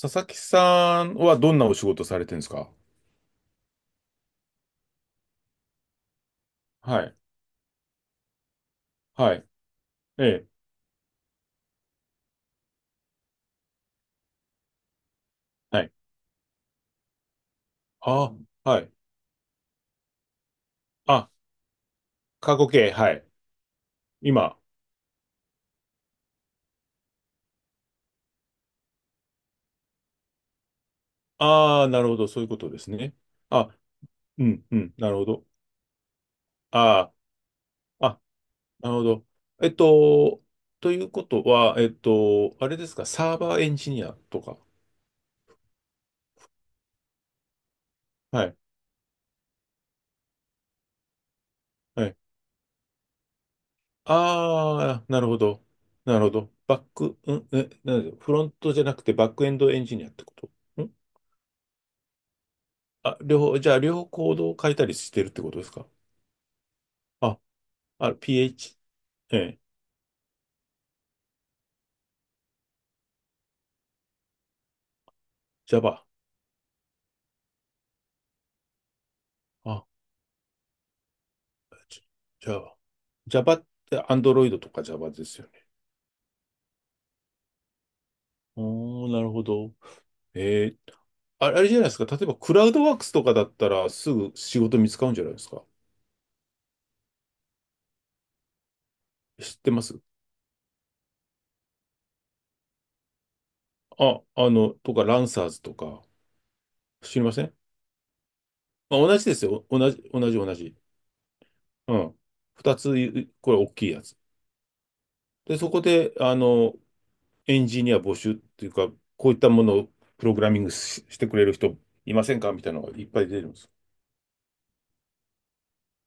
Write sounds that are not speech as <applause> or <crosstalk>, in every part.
佐々木さんはどんなお仕事されてるんですか？はい。はい。ええ。はい。あ、はい。あ、過去形。はい。今。ああ、なるほど。そういうことですね。あ、うん、うん。なるほど。ああ、あ、なるほど。えっと、ということは、あれですか、サーバーエンジニアとか。はい。はい。ああ、なるほど。なるほど。バック、うん、なんだフロントじゃなくてバックエンドエンジニアってこと？ん、あ、両方、じゃあ両方コードを変えたりしてるってことですか？あ、あ、PH、ええ、Java。あ、じ Java。Java って Android とか Java ですよね。おー、なるほど。ええ、あ、あれじゃないですか。例えばクラウドワークスとかだったらすぐ仕事見つかるんじゃないですか。知ってます？あ、あの、とか、ランサーズとか、知りません？まあ、同じですよ。同じ、同じ、同じ。うん。二つ、これ大きいやつ。で、そこで、あの、エンジニア募集っていうか、こういったものをプログラミングしてくれる人いませんかみたいなのがいっぱい出てるんです。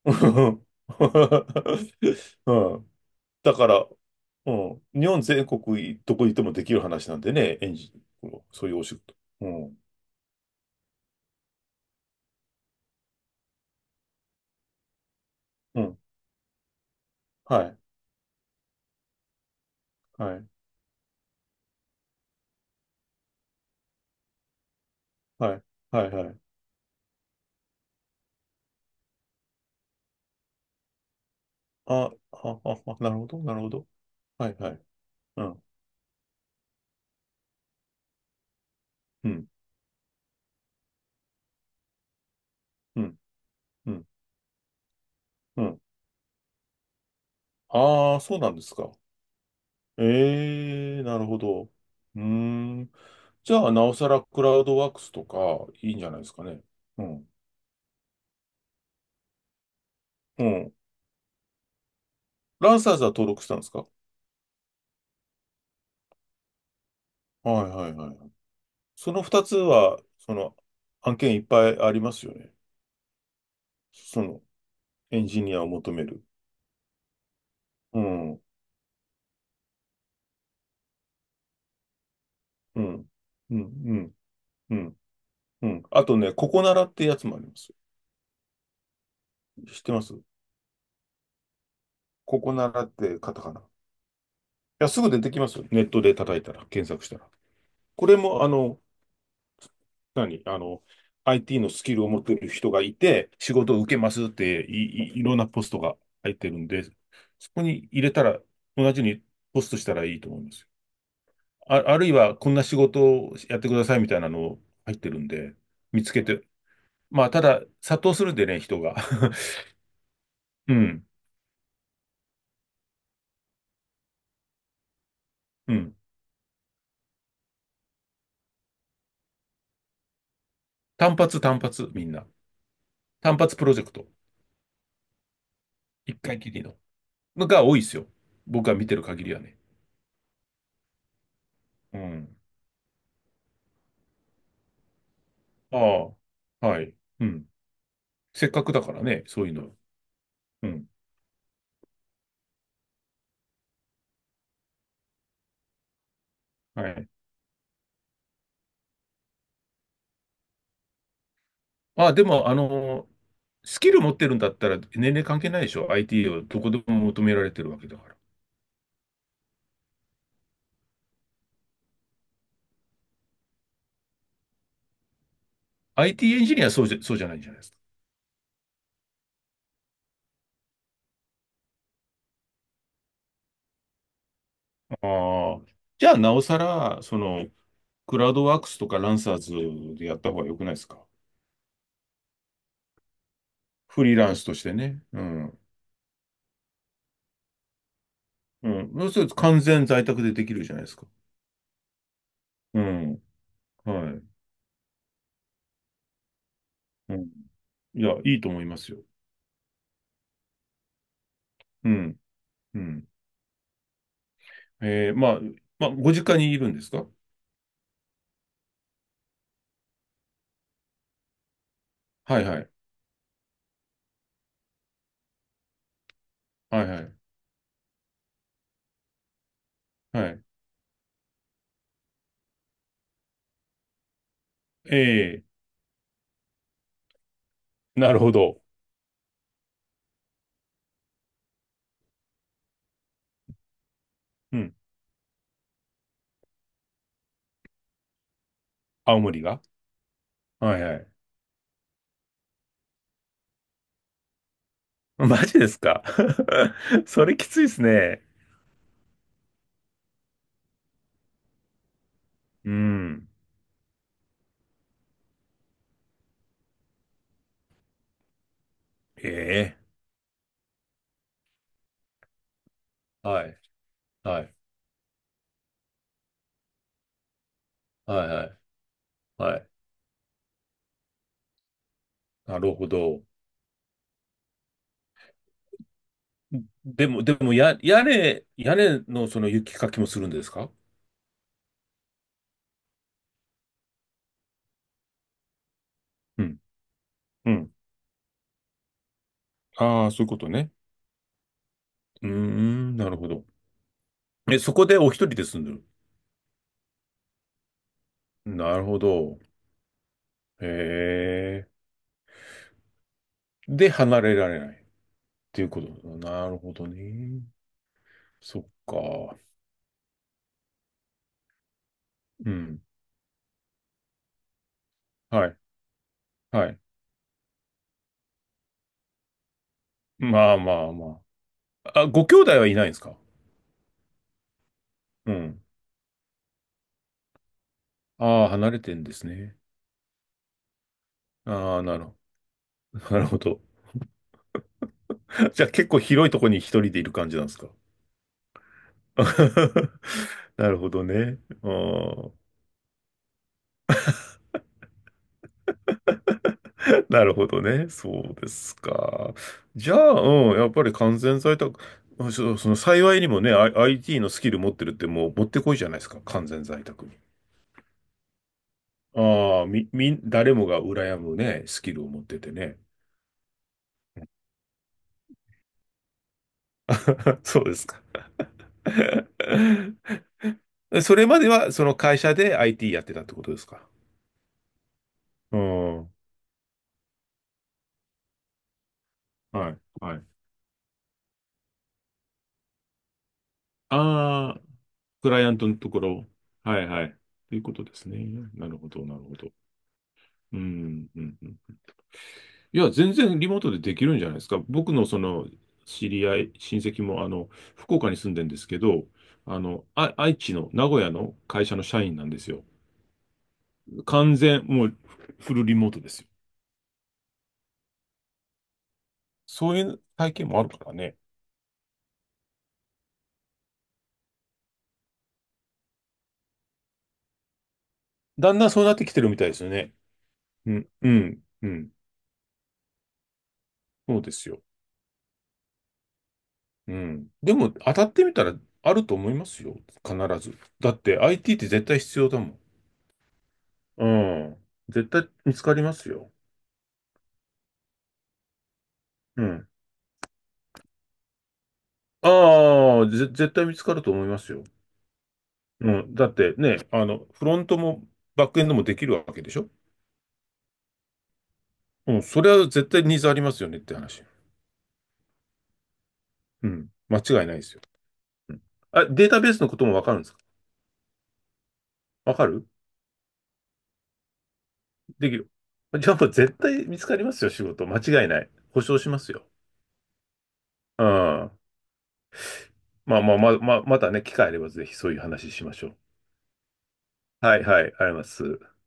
<laughs> うん、だから、うん、日本全国どこにいてもできる話なんでね、エンジン、そういうお仕事。うん、うん、はい、はい、はい、はい、はい。あ、あ、あ、あ、なるほど、なるほど。はい、はい。うん、うん、うん、うん、うん。ああ、そうなんですか。ええ、なるほど。うーん。じゃあ、なおさらクラウドワークスとかいいんじゃないですかね。うん。うん。ランサーズは登録したんですか？はい、はい、はい。その二つは、その、案件いっぱいありますよね。その、エンジニアを求める。うん。うん。うん。うん。うん。うん、あとね、ココナラってやつもあります。知ってます？ココナラってカタカナ。いや、すぐ出てきますよ。ネットで叩いたら、検索したら。これも、あの、何、あの、IT のスキルを持っている人がいて、仕事を受けますっていろんなポストが入ってるんで、そこに入れたら、同じにポストしたらいいと思います。あ、あるいは、こんな仕事をやってくださいみたいなの入ってるんで、見つけて。まあ、ただ、殺到するんでね、人が。<laughs> うん、うん。単発、単発、みんな。単発プロジェクト。一回きりの。のが多いですよ。僕が見てる限りはね。うん。ああ、はい。うん。せっかくだからね、そういうの。うん。はい。あ、でも、あの、スキル持ってるんだったら年齢関係ないでしょ。IT をどこでも求められてるわけだから。IT エンジニアはそうじゃないんじゃないですか。ああ。じゃあ、なおさら、その、クラウドワークスとかランサーズでやった方が良くないですか。フリーランスとしてね。うん。うん。そうすると完全在宅でできるじゃないですか。うん。はい。うん。いや、いいと思いますよ。うん。うん。まあ、まあ、ご実家にいるんですか？はい、はい。はい、はい。はい。え、なるほど。うん。青森が？はい、はい。マジですか？ <laughs> それきついですね。うん。ええ。はい。はい。はい、はい。はい。なるほど。でも、屋根のその雪かきもするんですか？うん。うん。ああ、そういうことね。うーん、なるほど。え、そこでお一人で住んでる？なるほど。へえ。で、離れられない。っていうこと。なるほどね。そっか。うん。はい。はい。まあ、まあ、まあ。あ、ご兄弟はいないんですか？うん。ああ、離れてんですね。ああ、なるほど。<laughs> なるほど。<laughs> じゃあ結構広いとこに一人でいる感じなんですか？ <laughs> なるほどね。あー、なるほどね。そうですか。じゃあ、うん、やっぱり完全在宅、あ、幸いにもね、IT のスキル持ってるってもう持ってこいじゃないですか。完全在宅に。ああ、誰もが羨むね、スキルを持っててね。<laughs> そうですか。<laughs> それまではその会社で IT やってたってことですか？うん。はい、はい。ああ、クライアントのところ。はい、はい。ということですね。なるほど、なるほど。うん、うん、うん。いや、全然リモートでできるんじゃないですか。僕のその知り合い、親戚も、あの、福岡に住んでんですけど、あの、あ、愛知の名古屋の会社の社員なんですよ。完全、もうフルリモートですよ。そういう体験もあるからね。だんだんそうなってきてるみたいですよね。うん、うん、うん。そうですよ。うん。でも、当たってみたらあると思いますよ。必ず。だって IT って絶対必要だもん。うん。絶対見つかりますよ。うん。ああ、絶対見つかると思いますよ。うん。だってね、フロントもバックエンドもできるわけでしょ？うん。それは絶対ニーズありますよねって話。うん。間違いないですよ。うん。あ、データベースのこともわかるんですか？わかるできる。じゃあもう絶対見つかりますよ、仕事。間違いない。保証しますよ。うん。まあ、まあ、まあ、まあ、またね、機会あればぜひそういう話しましょう。はい、はい、ありがとうございます。